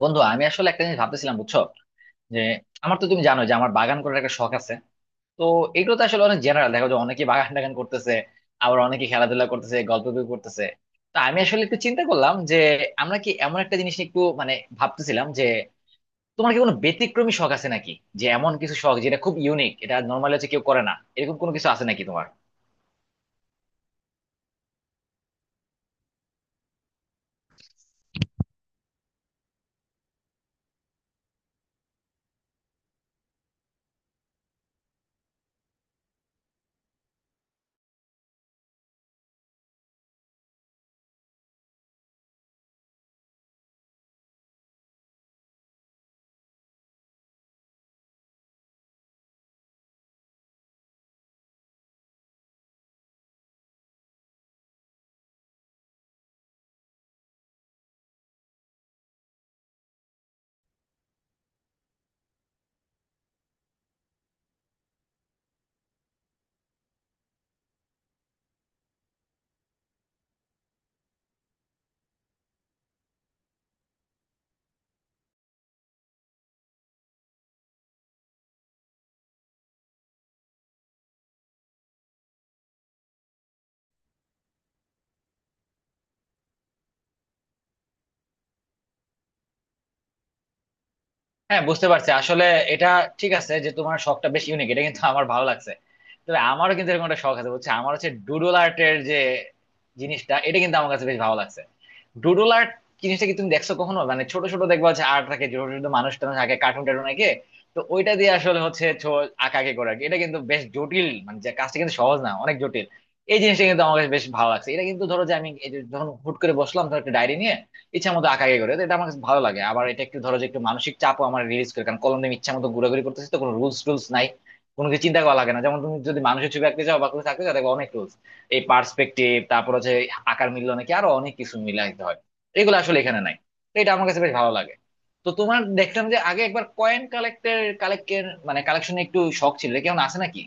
বন্ধু, আমি আসলে একটা জিনিস ভাবতেছিলাম, বুঝছো? যে আমার তো তুমি জানো যে আমার বাগান করার একটা শখ আছে। তো এগুলো তো আসলে অনেক জেনারেল, দেখো যে অনেকে বাগান টাগান করতেছে, আবার অনেকে খেলাধুলা করতেছে, গল্প গুজব করতেছে। তো আমি আসলে একটু চিন্তা করলাম যে আমরা কি এমন একটা জিনিস নিয়ে একটু মানে ভাবতেছিলাম যে তোমার কি কোনো ব্যতিক্রমী শখ আছে নাকি? যে এমন কিছু শখ যেটা খুব ইউনিক, এটা নর্মালি হচ্ছে কেউ করে না, এরকম কোনো কিছু আছে নাকি তোমার? হ্যাঁ, বুঝতে পারছি আসলে। এটা ঠিক আছে যে তোমার শখটা বেশ ইউনিক, এটা কিন্তু আমার ভালো লাগছে। তবে আমারও কিন্তু এরকম একটা শখ আছে, বুঝছো? আমার হচ্ছে ডুডল আর্টের যে জিনিসটা, এটা কিন্তু আমার কাছে বেশ ভালো লাগছে। ডুডল আর্ট জিনিসটা কি তুমি দেখছো কখনো? মানে ছোট ছোট দেখবা হচ্ছে আর্ট থাকে, ছোট ছোট মানুষ টানুষ আঁকে, কার্টুন টার্টুন আঁকে। তো ওইটা দিয়ে আসলে হচ্ছে আঁকাআঁকি করে আর কি। এটা কিন্তু বেশ জটিল, মানে যে কাজটা কিন্তু সহজ না, অনেক জটিল। এই জিনিসটা কিন্তু আমার কাছে বেশ ভালো লাগছে। এটা কিন্তু ধরো যে আমি এই যে যখন হুট করে বসলাম, ধর একটা ডায়েরি নিয়ে ইচ্ছা মতো আঁকাআঁকি করে, তো এটা আমার কাছে ভালো লাগে। আবার এটা একটু ধরো যে একটু মানসিক চাপও আমার রিলিজ করে, কারণ কলম দিয়ে আমি ইচ্ছা মতো ঘোরাঘুরি করতেছি, তো কোনো রুলস টুলস নাই। কোনো কিছু চিন্তা করা লাগে না। যেমন তুমি যদি মানুষের ছবি আঁকতে যাও বা কোনো থাকতে যাও, দেখবে অনেক রুলস, এই পার্সপেক্টিভ, তারপর হচ্ছে আকার মিলল নাকি, আরো অনেক কিছু মিলে আঁকতে হয়। এগুলো আসলে এখানে নাই। তো এটা আমার কাছে বেশ ভালো লাগে। তো তোমার দেখলাম যে আগে একবার কয়েন কালেক্টের কালেক্টের মানে কালেকশনে একটু শখ ছিল, কেমন আছে নাকি?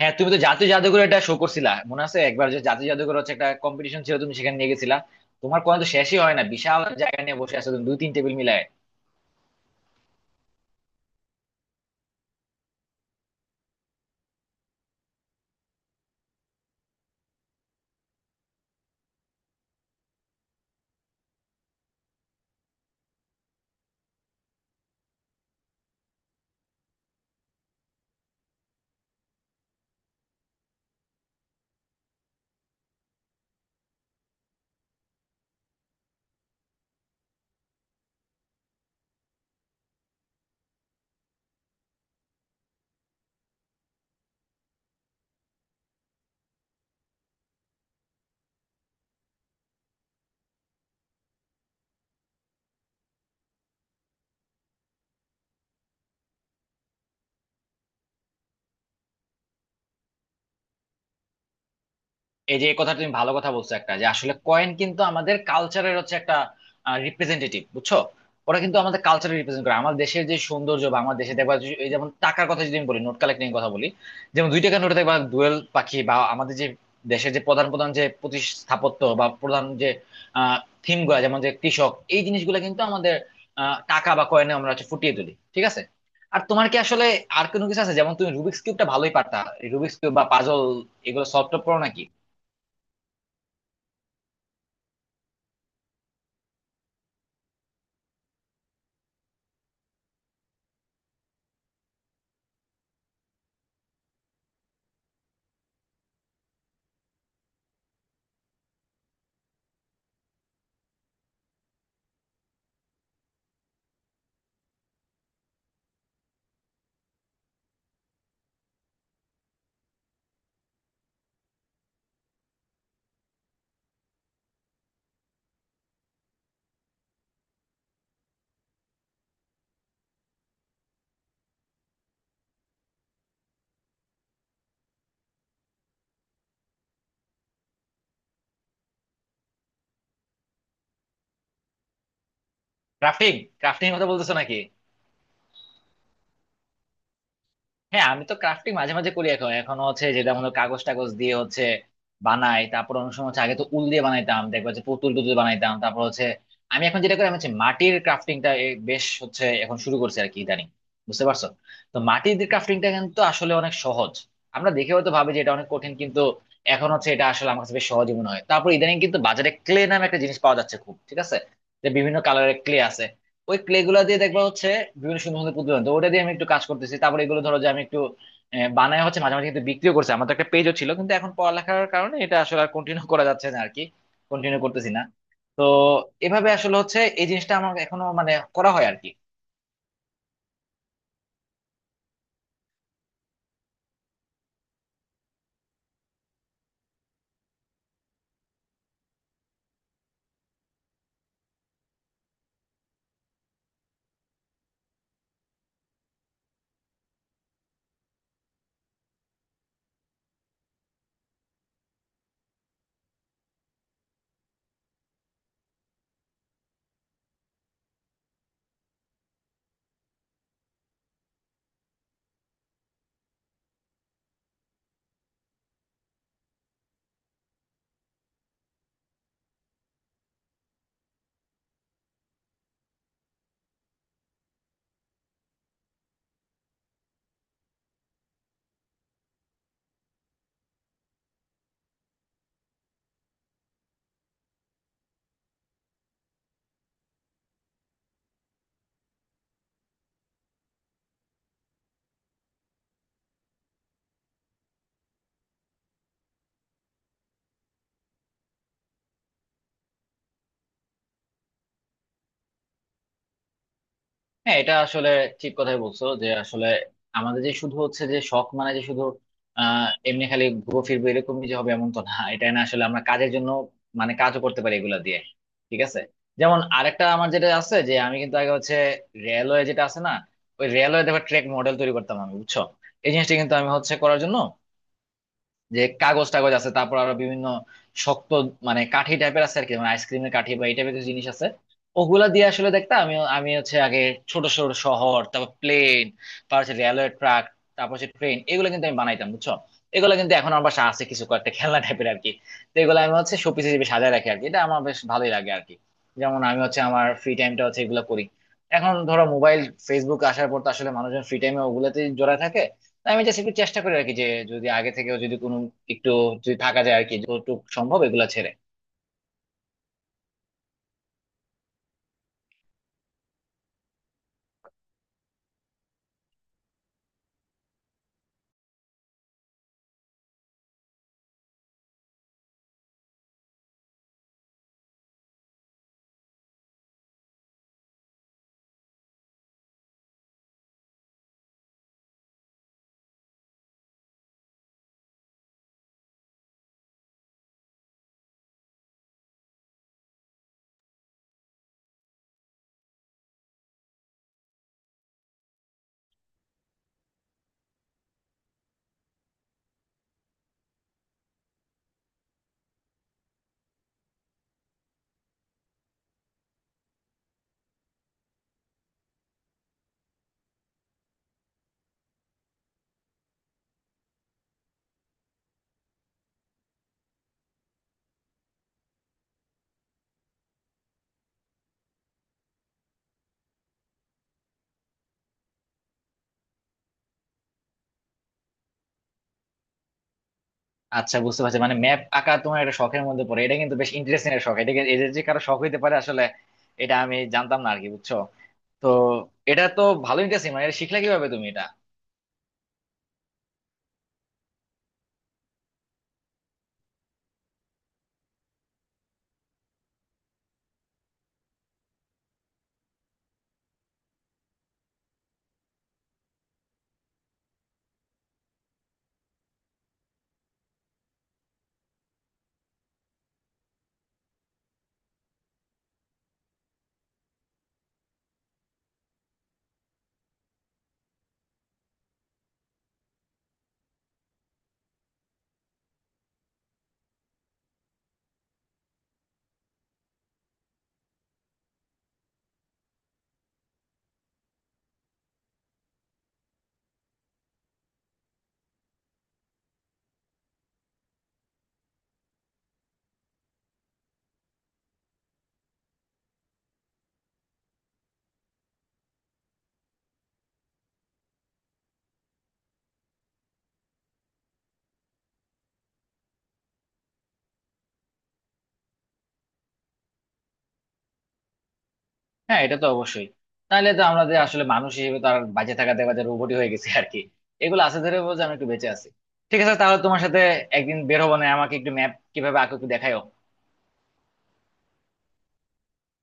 হ্যাঁ, তুমি তো জাতীয় জাদুঘরে এটা শো করছিলা, মনে আছে একবার যে জাতীয় জাদুঘর হচ্ছে একটা কম্পিটিশন ছিল, তুমি সেখানে নিয়ে গেছিলা। তোমার কয়েন তো শেষই হয় না, বিশাল জায়গা নিয়ে বসে আছো তুমি, দুই তিন টেবিল মিলায়। এই যে এই কথা তুমি ভালো কথা বলছো একটা, যে আসলে কয়েন কিন্তু আমাদের কালচারের হচ্ছে একটা রিপ্রেজেন্টেটিভ, বুঝছো? ওরা কিন্তু আমাদের কালচারের রিপ্রেজেন্ট করে, আমার দেশের যে সৌন্দর্য বা আমার দেশে দেখবা যে- এই যেমন টাকার কথা যদি আমি বলি, নোট কালেক্টিং কথা বলি, যেমন দুই টাকার নোটে দেখবা দোয়েল পাখি, বা আমাদের যে দেশের যে প্রধান প্রধান যে প্রতি স্থাপত্য বা প্রধান যে থিম গুলা, যেমন যে কৃষক, এই জিনিসগুলো কিন্তু আমাদের টাকা বা কয়েনে আমরা হচ্ছে ফুটিয়ে তুলি। ঠিক আছে, আর তোমার কি আসলে আর কোনো কিছু আছে? যেমন তুমি রুবিক্স কিউবটা ভালোই পারতা, রুবিক্স কিউব বা পাজল, এগুলো সলভ টলভ করো নাকি? ক্রাফটিং, ক্রাফটিং এর কথা বলতেছো নাকি? হ্যাঁ, আমি তো ক্রাফটিং মাঝে মাঝে করি এখন। হচ্ছে যেটা, মনে করো কাগজ টাগজ দিয়ে হচ্ছে বানাই, তারপর অনেক সময় হচ্ছে আগে তো উল দিয়ে বানাইতাম, দেখবা যে পুতুল টুতুল বানাইতাম, তারপর হচ্ছে আমি এখন যেটা করি, আমি হচ্ছে মাটির ক্রাফটিংটা বেশ হচ্ছে এখন শুরু করছি আর কি, ইদানিং, বুঝতে পারছো? তো মাটির ক্রাফটিংটা কিন্তু আসলে অনেক সহজ। আমরা দেখে হয়তো ভাবি যে এটা অনেক কঠিন, কিন্তু এখন হচ্ছে এটা আসলে আমার কাছে বেশ সহজই মনে হয়। তারপর ইদানিং কিন্তু বাজারে ক্লে নামে একটা জিনিস পাওয়া যাচ্ছে খুব, ঠিক আছে? যে বিভিন্ন কালারের ক্লে আছে, ওই ক্লে গুলা দিয়ে দেখবা হচ্ছে বিভিন্ন সুন্দর সুন্দর পুতুল বানাতো। ওটা দিয়ে আমি একটু কাজ করতেছি। তারপরে এগুলো ধরো যে আমি একটু বানায় হচ্ছে মাঝে মাঝে কিন্তু বিক্রিও করছে। আমার তো একটা পেজও ছিল, কিন্তু এখন পড়ালেখার কারণে এটা আসলে আর কন্টিনিউ করা যাচ্ছে না আর কি, কন্টিনিউ করতেছি না। তো এভাবে আসলে হচ্ছে এই জিনিসটা আমার এখনো মানে করা হয় আর কি। হ্যাঁ, এটা আসলে ঠিক কথাই বলছো, যে আসলে আমাদের যে শুধু হচ্ছে যে শখ, মানে যে শুধু এমনি খালি ঘুরো ফিরবো এরকমই যে হবে এমন তো না, এটা না। আসলে আমরা কাজের জন্য মানে কাজও করতে পারি এগুলা দিয়ে, ঠিক আছে? যেমন আরেকটা আমার যেটা আছে, যে আমি কিন্তু আগে হচ্ছে রেলওয়ে, যেটা আছে না, ওই রেলওয়ে, দেখো ট্রেক মডেল তৈরি করতাম আমি, বুঝছো? এই জিনিসটা কিন্তু আমি হচ্ছে করার জন্য যে কাগজ টাগজ আছে, তারপর আরো বিভিন্ন শক্ত মানে কাঠি টাইপের আছে আর কি, মানে আইসক্রিমের কাঠি বা এই টাইপের কিছু জিনিস আছে, ওগুলা দিয়ে আসলে দেখতাম, আমি আমি হচ্ছে আগে ছোট ছোট শহর, তারপর প্লেন, তারপর হচ্ছে রেলওয়ে ট্রাক, তারপর হচ্ছে ট্রেন, এগুলো কিন্তু আমি বানাইতাম, বুঝছো? এগুলো কিন্তু এখন আমার বাসায় আছে কিছু কয়েকটা, খেলনা টাইপের আর কি। তো এগুলো আমি হচ্ছে শোপিস হিসেবে সাজায় রাখি আর কি, এটা আমার বেশ ভালোই লাগে আর কি। যেমন আমি হচ্ছে আমার ফ্রি টাইমটা হচ্ছে এগুলো করি। এখন ধরো মোবাইল, ফেসবুক আসার পর তো আসলে মানুষজন ফ্রি টাইমে ওগুলোতে জড়ায় থাকে। আমি জাস্ট একটু চেষ্টা করি আর কি, যে যদি আগে থেকেও যদি কোনো একটু, যদি থাকা যায় আর কি, যতটুকু সম্ভব এগুলা ছেড়ে। আচ্ছা, বুঝতে পারছি, মানে ম্যাপ আঁকা তোমার একটা শখের মধ্যে পড়ে, এটা কিন্তু বেশ ইন্টারেস্টিং একটা শখ। এটা কি- এদের যে কারো শখ হইতে পারে আসলে, এটা আমি জানতাম না আর কি, বুঝছো? তো এটা তো ভালো ইন্টারেস্টিং, মানে এটা শিখলে কিভাবে তুমি এটা? হ্যাঁ, এটা তো অবশ্যই। তাহলে তো আমরা যে আসলে মানুষ হিসেবে তো আর বাঁচে থাকাতে বা রোবটই হয়ে গেছে আর কি। এগুলো আছে ধরে বলছে আমি একটু বেঁচে আছি। ঠিক আছে, তাহলে তোমার সাথে একদিন বের হবো না, আমাকে একটু ম্যাপ কিভাবে আঁকো একটু দেখাও।